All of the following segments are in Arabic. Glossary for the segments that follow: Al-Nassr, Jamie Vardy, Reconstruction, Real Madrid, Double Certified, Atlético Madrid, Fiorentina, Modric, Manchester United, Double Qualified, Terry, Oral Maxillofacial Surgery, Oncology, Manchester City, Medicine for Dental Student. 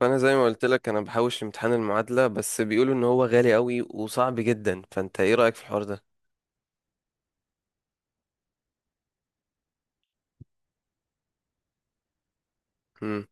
فانا زي ما قلت لك انا بحوش امتحان المعادله، بس بيقولوا ان هو غالي قوي وصعب جدا. فانت ايه رايك في الحوار ده؟ امم.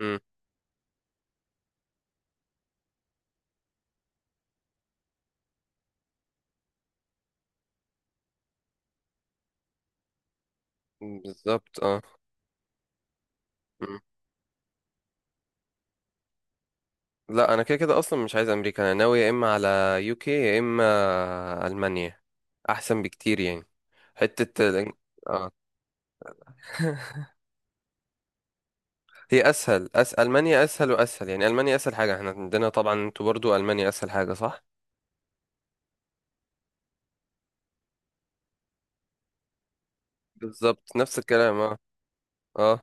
امم. بالظبط، اه. مم. لا، انا كده كده اصلا مش عايز امريكا، انا ناوي يا اما على يوكي يا اما المانيا، احسن بكتير يعني. حته الإن- اه. هي اسهل المانيا اسهل واسهل، يعني المانيا اسهل حاجه احنا عندنا، طبعا انتوا برضو المانيا اسهل حاجه، صح؟ بالظبط، نفس الكلام. اه، اه.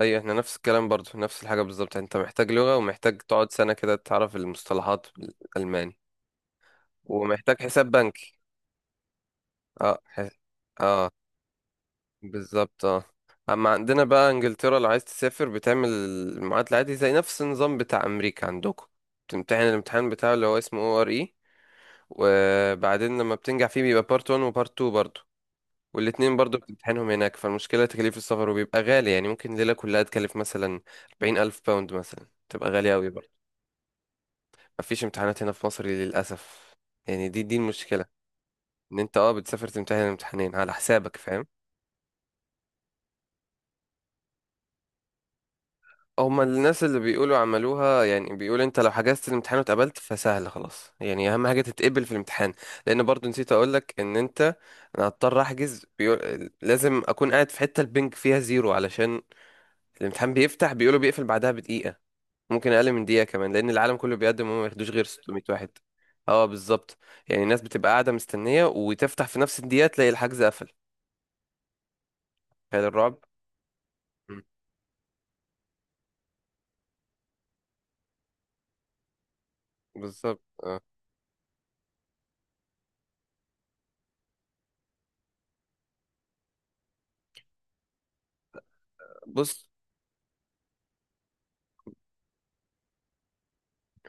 اي احنا نفس الكلام برضو، نفس الحاجة بالظبط. انت محتاج لغة ومحتاج تقعد سنة كده تعرف المصطلحات الألماني. ومحتاج حساب بنكي. اه، اه، بالظبط، اه. اما عندنا بقى انجلترا، لو عايز تسافر بتعمل المعادلة عادي زي نفس النظام بتاع امريكا عندكم. بتمتحن الامتحان بتاعه اللي هو اسمه او ار اي، وبعدين لما بتنجح فيه بيبقى بارت 1 وبارت 2 برضو، والاتنين برضو بتمتحنهم هناك. فالمشكلة تكاليف السفر وبيبقى غالي، يعني ممكن ليلة كلها تكلف مثلا 40,000 باوند، مثلا تبقى غالية أوي. مفيش امتحانات هنا في مصر للأسف، يعني دي المشكلة، ان انت بتسافر تمتحن الامتحانين على حسابك، فاهم؟ هما الناس اللي بيقولوا عملوها، يعني بيقول انت لو حجزت الامتحان واتقبلت فسهل خلاص، يعني اهم حاجة تتقبل في الامتحان. لان برضو نسيت اقولك ان انت، انا هضطر احجز، لازم اكون قاعد في حتة البنك فيها زيرو علشان الامتحان بيفتح، بيقولوا بيقفل بعدها بدقيقة، ممكن اقل من دقيقه كمان، لان العالم كله بيقدم وما ياخدوش غير 600 واحد. اه بالظبط. يعني الناس بتبقى قاعده مستنيه، وتفتح في نفس الدقيقه تلاقي الحجز قفل. تخيل الرعب. مم. بالظبط، اه. بص،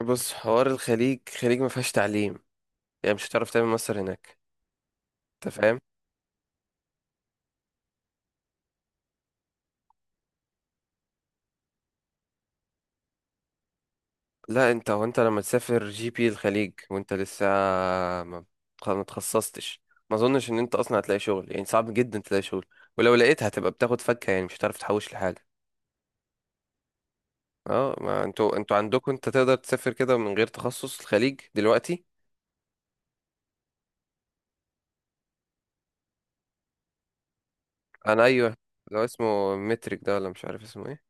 بص، حوار الخليج، الخليج ما فيهاش تعليم، يعني مش هتعرف تعمل مصر هناك، انت فاهم. لا، انت، هو انت لما تسافر جي بي الخليج وانت لسه ما ما اتخصصتش، ما اظنش ان انت اصلا هتلاقي شغل، يعني صعب جدا تلاقي شغل. ولو لقيت هتبقى بتاخد فكه، يعني مش هتعرف تحوش لحاجه. اه، ما انتوا، عندكم انت تقدر تسافر كده من غير تخصص، الخليج دلوقتي. انا ايوه. لو اسمه مترك ده، ولا مش عارف اسمه ايه.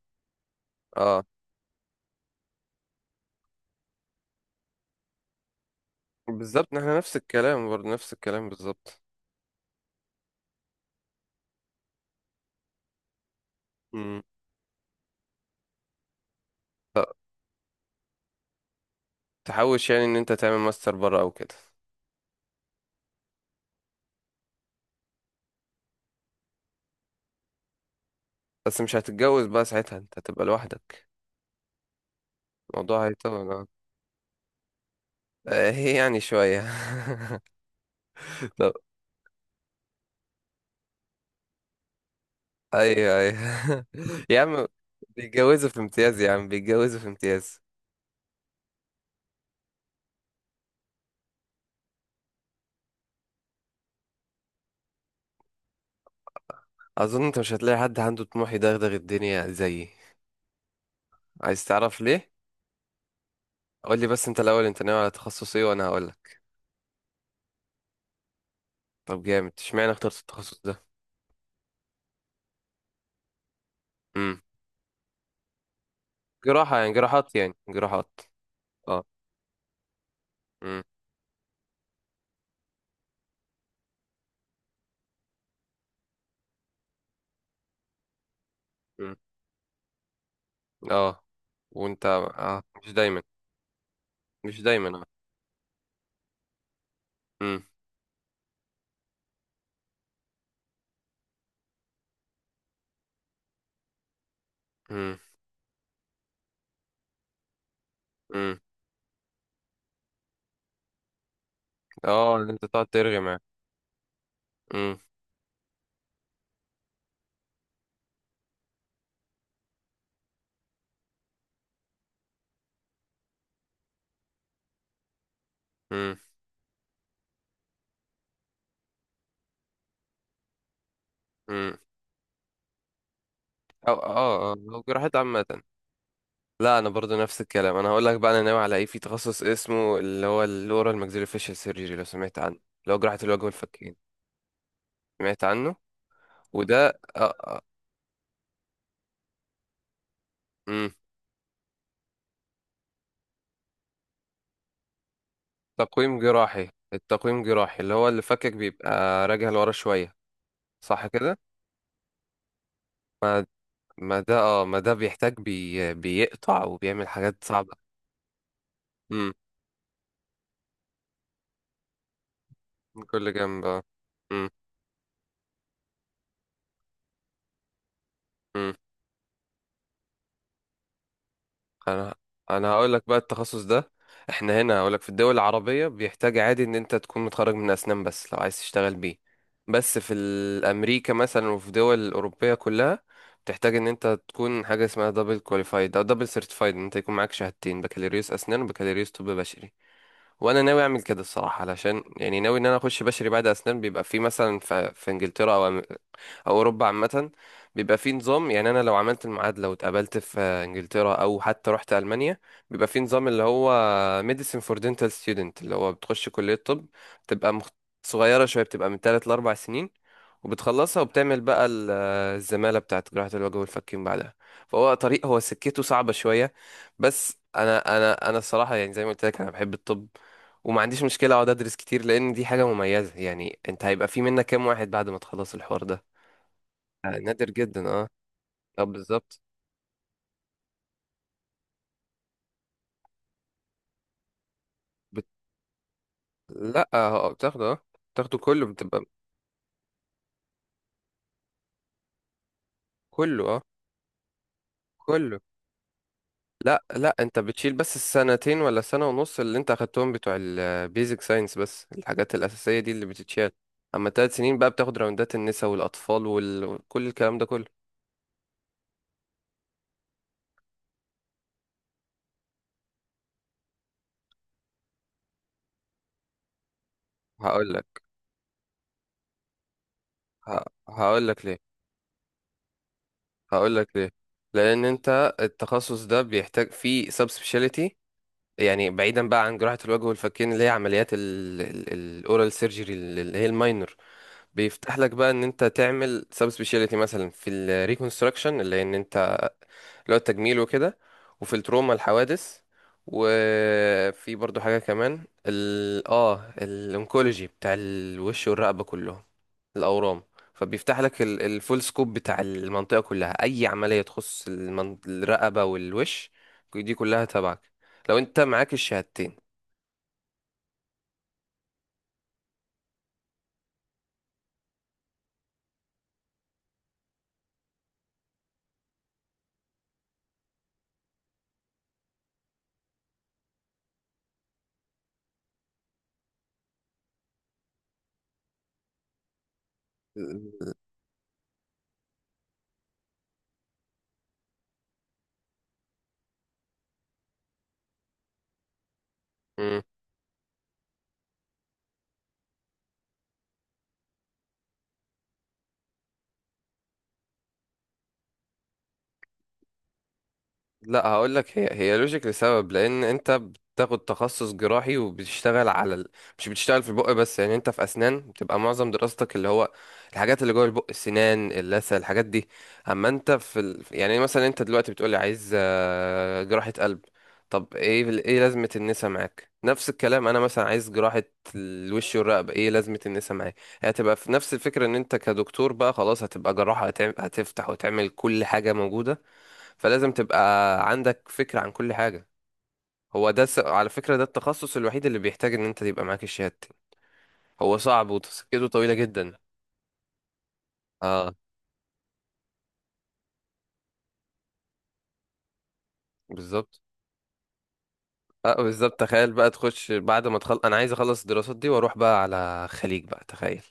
اه، بالظبط، احنا نفس الكلام برضه، نفس الكلام بالظبط. امم. تحوش يعني ان انت تعمل ماستر بره او كده. بس مش هتتجوز بقى ساعتها، انت هتبقى لوحدك. الموضوع هيطول، اه. هي يعني شوية. طب. ايوه، ايوه، يا عم. بيتجوزوا في امتياز يا عم، بيتجوزوا في امتياز. اظن انت مش هتلاقي حد عنده طموح يدغدغ الدنيا زيي. عايز تعرف ليه؟ قول لي بس انت الاول، انت ناوي على تخصص ايه، وانا هقول لك. طب، جامد. اشمعنى اخترت التخصص ده؟ امم. جراحه، يعني جراحات يعني جراحات. اه. امم. امم. اه. وانت، مش دايما. مش دايما، اه. امم. امم. امم. اه، ان انت تقعد ترغي معاه. امم. امم. امم. او اه اه لو جراحات عامه. لا، انا برضو نفس الكلام. انا هقول لك بقى انا ناوي على ايه. في تخصص اسمه، اللي هو الاورال ماكسيلو فيشل سيرجري، لو سمعت عنه، اللي هو جراحه الوجه والفكين. سمعت عنه. وده اه. امم. تقويم جراحي، التقويم جراحي اللي هو اللي فكك بيبقى راجع لورا شوية، صح كده؟ ما ما ده بيحتاج بيقطع وبيعمل حاجات صعبة. امم. من كل جنب، اه. مم، مم. انا انا هقول لك بقى التخصص ده. احنا هنا هقول لك في الدول العربية بيحتاج عادي ان انت تكون متخرج من اسنان بس، لو عايز تشتغل بيه. بس في امريكا مثلا وفي دول الاوروبية كلها، بتحتاج ان انت تكون حاجة اسمها دبل كواليفايد او دبل سيرتيفايد، ان انت يكون معاك شهادتين، بكالوريوس اسنان وبكالوريوس طب بشري. وانا ناوي اعمل كده الصراحة، علشان يعني ناوي ان انا اخش بشري بعد اسنان. بيبقى في مثلا، في انجلترا او اوروبا عامه، بيبقى في نظام. يعني انا لو عملت المعادله واتقابلت في انجلترا، او حتى رحت المانيا، بيبقى في نظام، اللي هو ميديسين فور دينتال ستودنت، اللي هو بتخش كليه طب، بتبقى صغيره شويه، بتبقى من 3 ل 4 سنين، وبتخلصها وبتعمل بقى الزماله بتاعت جراحه الوجه والفكين بعدها. فهو طريق، هو سكته صعبه شويه. بس انا، انا الصراحه، يعني زي ما قلت لك، انا بحب الطب، وما عنديش مشكله اقعد ادرس كتير، لان دي حاجه مميزه. يعني انت هيبقى في منك كام واحد بعد ما تخلص الحوار ده. آه، نادر جدا، اه. اه، بالظبط. بت... لا، بتاخده، بتاخده كله، بتبقى كله، اه، كله. لا، لا، انت بتشيل بس السنتين، ولا سنة ونص، اللي انت اخدتهم بتوع البيزك ساينس، بس الحاجات الأساسية دي اللي بتتشال. اما 3 سنين بقى بتاخد راوندات النساء والأطفال وكل الكلام ده كله. هقول لك، هقول لك ليه. هقول لك ليه. لأن انت التخصص ده بيحتاج فيه سب سبيشاليتي. يعني بعيدا بقى عن جراحة الوجه والفكين، اللي هي عمليات الاورال سيرجري، اللي هي الماينر، بيفتح لك بقى ان انت تعمل سب سبيشاليتي، مثلا في الريكونستراكشن، اللي هي ان انت اللي هو التجميل وكده، وفي التروما الحوادث، وفي برضو حاجة كمان، ال اه الانكولوجي بتاع الوش والرقبة كلهم، الاورام. فبيفتح لك الفول سكوب بتاع المنطقة كلها، اي عملية تخص الرقبة والوش، دي كلها تبعك، لو انت معاك الشهادتين. مم. لا، هقول لك، هي لوجيك، لسبب. لان انت بتاخد تخصص جراحي، وبتشتغل على مش بتشتغل في البق بس، يعني انت في اسنان بتبقى معظم دراستك اللي هو الحاجات اللي جوه البق، السنان، اللثه، الحاجات دي. اما انت في يعني مثلا انت دلوقتي بتقولي عايز جراحه قلب، طب ايه ايه لازمه النسا معاك. نفس الكلام، انا مثلا عايز جراحه الوش والرقبه، ايه لازمه النسا معايا. هتبقى في نفس الفكره، ان انت كدكتور بقى خلاص هتبقى جراحه، هتفتح وتعمل كل حاجه موجوده، فلازم تبقى عندك فكرة عن كل حاجة. هو ده على فكرة ده التخصص الوحيد اللي بيحتاج ان انت تبقى معاك الشهادتين. هو صعب وتسكته طويلة جدا. اه، بالظبط. اه، بالظبط، تخيل بقى تخش بعد ما انا عايز اخلص الدراسات دي واروح بقى على خليج، بقى تخيل.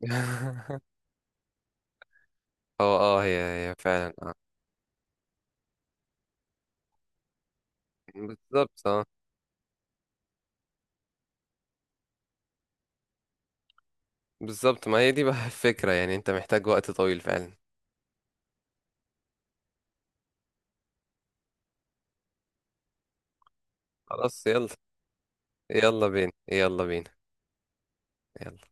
اه، اه، هي، هي فعلا، اه. بالظبط، اه، بالظبط. ما هي دي بقى الفكرة، يعني انت محتاج وقت طويل فعلا. خلاص، يلا. يلا بينا، يلا بينا. يلا.